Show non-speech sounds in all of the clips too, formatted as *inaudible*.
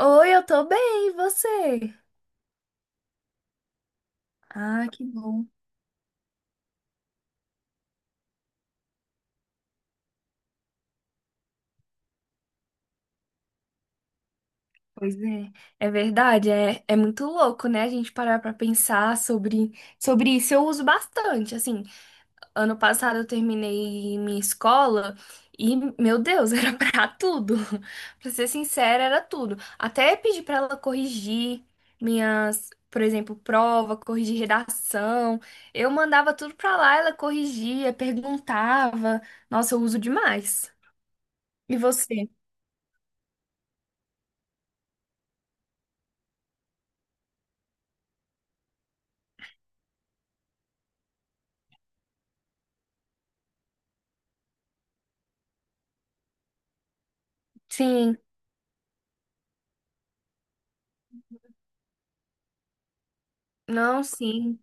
Oi, eu tô bem, e você? Ah, que bom. Pois é, é verdade, é muito louco, né? A gente parar pra pensar sobre isso. Eu uso bastante, assim. Ano passado eu terminei minha escola e, meu Deus, *laughs* era pra tudo. Pra ser sincera, era tudo. Até pedi pra ela corrigir minhas, por exemplo, prova, corrigir redação. Eu mandava tudo pra lá, ela corrigia, perguntava. Nossa, eu uso demais. E você? Sim, não, sim.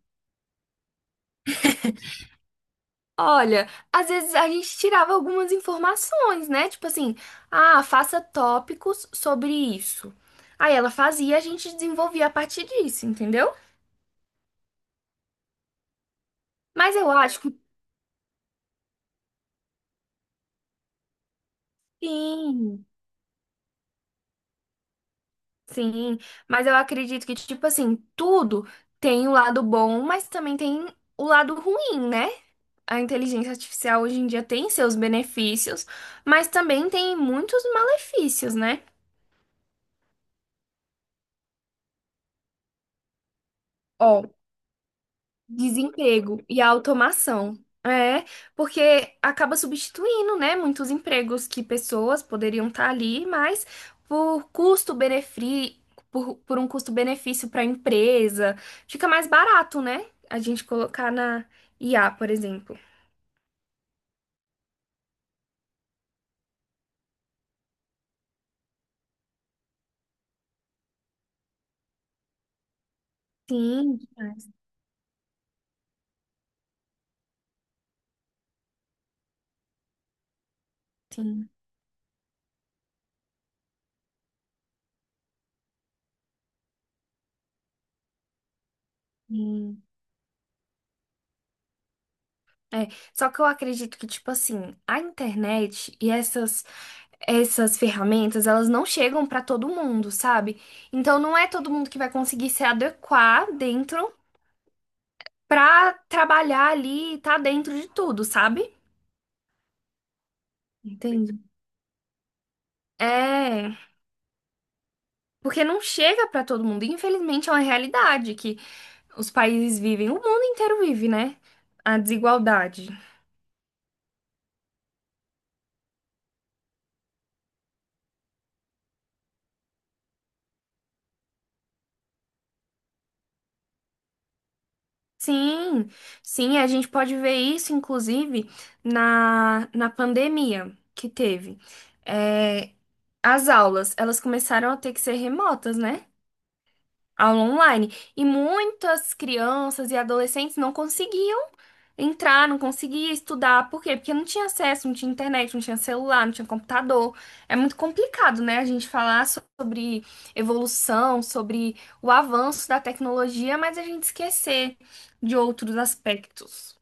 Olha, às vezes a gente tirava algumas informações, né? Tipo assim, ah, faça tópicos sobre isso. Aí ela fazia, e a gente desenvolvia a partir disso, entendeu? Mas eu acho que sim, sim. Mas eu acredito que, tipo assim, tudo tem o lado bom, mas também tem o lado ruim, né? A inteligência artificial hoje em dia tem seus benefícios, mas também tem muitos malefícios, né? Ó, desemprego e a automação. É, porque acaba substituindo, né, muitos empregos que pessoas poderiam estar ali, mas por custo-benefício, por um custo-benefício para a empresa, fica mais barato, né? A gente colocar na IA, por exemplo. Sim, demais, sim. Sim. É, só que eu acredito que, tipo assim, a internet e essas ferramentas, elas não chegam pra todo mundo, sabe? Então não é todo mundo que vai conseguir se adequar dentro pra trabalhar ali e tá dentro de tudo, sabe? Entendo. É, porque não chega pra todo mundo. Infelizmente é uma realidade que os países vivem, o mundo inteiro vive, né? A desigualdade. Sim, sim, a gente pode ver isso, inclusive, na pandemia que teve. É, as aulas, elas começaram a ter que ser remotas, né? Aula online. E muitas crianças e adolescentes não conseguiam entrar, não conseguiam estudar. Por quê? Porque não tinha acesso, não tinha internet, não tinha celular, não tinha computador. É muito complicado, né, a gente falar sobre evolução, sobre o avanço da tecnologia, mas a gente esquecer de outros aspectos.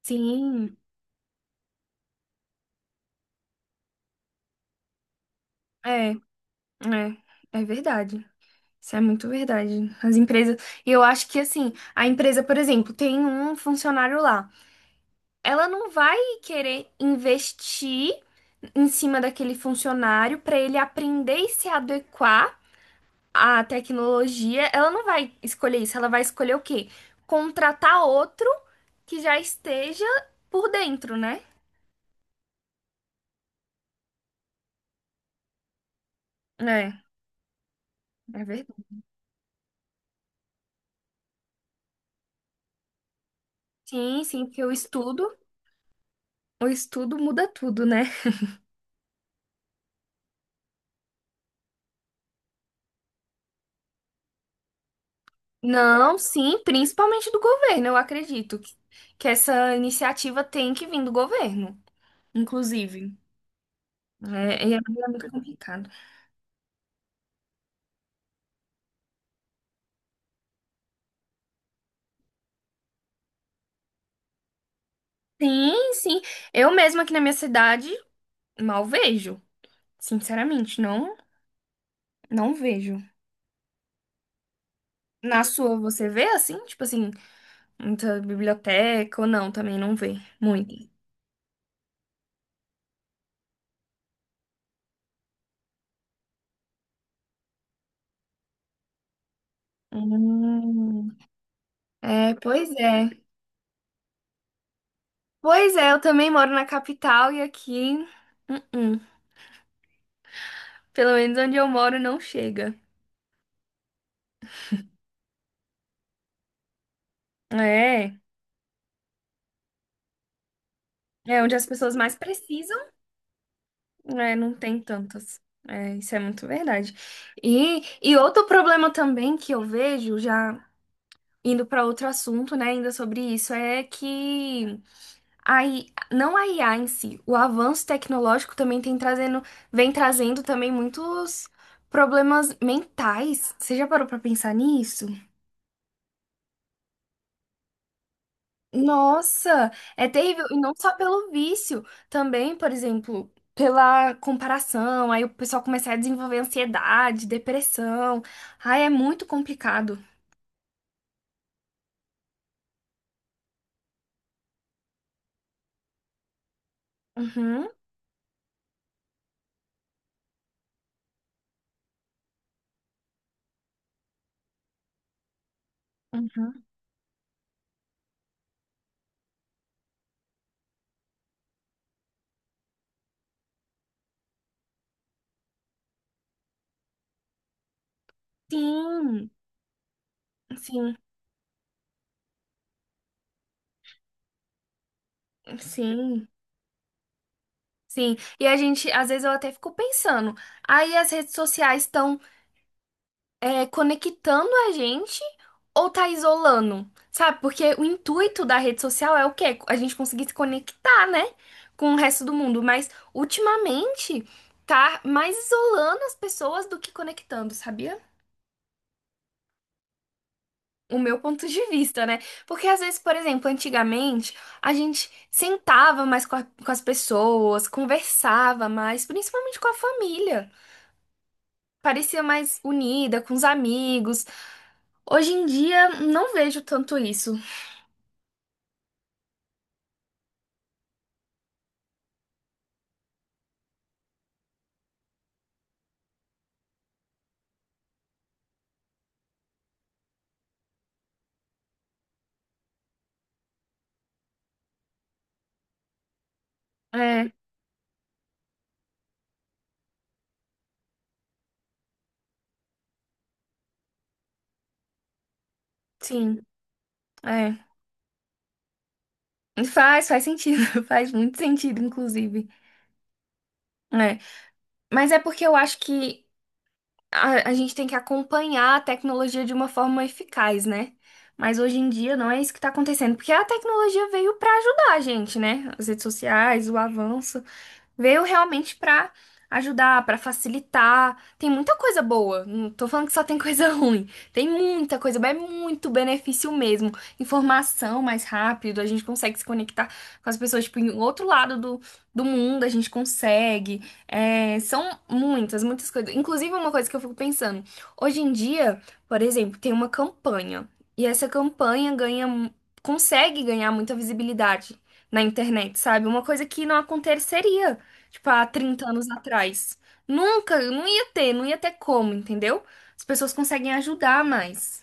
Sim, é, é, é verdade. Isso é muito verdade. As empresas, eu acho que assim, a empresa, por exemplo, tem um funcionário lá. Ela não vai querer investir em cima daquele funcionário para ele aprender e se adequar à tecnologia. Ela não vai escolher isso, ela vai escolher o quê? Contratar outro que já esteja por dentro, né? É, é verdade. Sim, sim, porque o estudo muda tudo, né? Não, sim, principalmente do governo, eu acredito que essa iniciativa tem que vir do governo, inclusive. É, e é muito complicado. Sim, sim. Eu mesma aqui na minha cidade mal vejo. Sinceramente, não, não vejo. Na sua você vê assim? Tipo assim, muita biblioteca ou não, também não vê. Muito. Hum, é, pois é. Pois é, eu também moro na capital e aqui, uh-uh. Pelo menos onde eu moro não chega. É, é onde as pessoas mais precisam, né? Não tem tantas. É, isso é muito verdade. E outro problema também que eu vejo já. Indo para outro assunto, né, ainda sobre isso, é que a I- A, não a IA em si, o avanço tecnológico também tem trazendo, vem trazendo também muitos problemas mentais. Você já parou para pensar nisso? Nossa, é terrível, e não só pelo vício, também, por exemplo, pela comparação, aí o pessoal começa a desenvolver ansiedade, depressão. Ai, é muito complicado. Uhum, uhum. Sim, sim, sim. Sim, e a gente, às vezes eu até fico pensando, aí as redes sociais estão conectando a gente ou tá isolando? Sabe? Porque o intuito da rede social é o quê? A gente conseguir se conectar, né? Com o resto do mundo. Mas ultimamente tá mais isolando as pessoas do que conectando, sabia? O meu ponto de vista, né? Porque às vezes, por exemplo, antigamente a gente sentava mais com as pessoas, conversava mais, principalmente com a família. Parecia mais unida com os amigos. Hoje em dia não vejo tanto isso. É, sim, é. Faz, faz sentido, *laughs* faz muito sentido, inclusive. É. Mas é porque eu acho que a gente tem que acompanhar a tecnologia de uma forma eficaz, né? Mas hoje em dia não é isso que tá acontecendo, porque a tecnologia veio pra ajudar a gente, né? As redes sociais, o avanço. Veio realmente pra ajudar, pra facilitar. Tem muita coisa boa. Não tô falando que só tem coisa *laughs* ruim. Tem muita coisa, boa, é muito benefício mesmo. Informação mais rápido, a gente consegue se conectar com as pessoas, tipo, em outro lado do mundo, a gente consegue. É, são muitas, muitas coisas. Inclusive, uma coisa que eu fico pensando. Hoje em dia, por exemplo, tem uma campanha. E essa campanha consegue ganhar muita visibilidade na internet, sabe? Uma coisa que não aconteceria. Tipo, há 30 anos atrás. Nunca, não ia ter, não ia ter como, entendeu? As pessoas conseguem ajudar mais.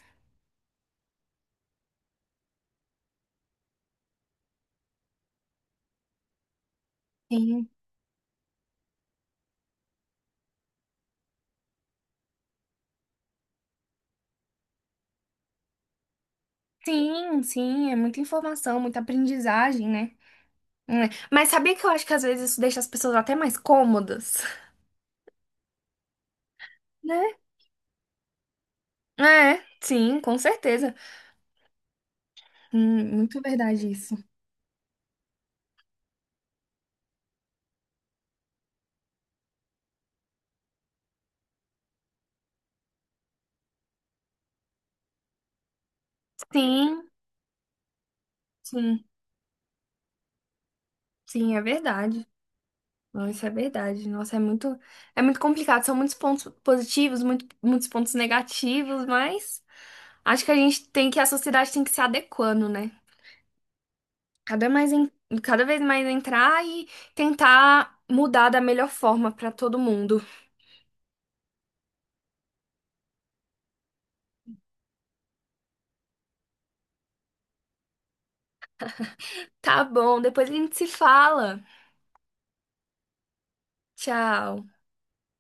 Sim, sim, sim, é muita informação, muita aprendizagem, né? É. Mas sabia que eu acho que às vezes isso deixa as pessoas até mais cômodas, né? É, sim, com certeza. Muito verdade isso. Sim, sim, sim, é verdade. Não, isso é verdade. Nossa, é muito complicado. São muitos pontos positivos, muito, muitos pontos negativos, mas acho que a gente tem que, a sociedade tem que se adequando, né? Cada mais en- Cada vez mais entrar e tentar mudar da melhor forma pra todo mundo. Tá bom, depois a gente se fala. Tchau.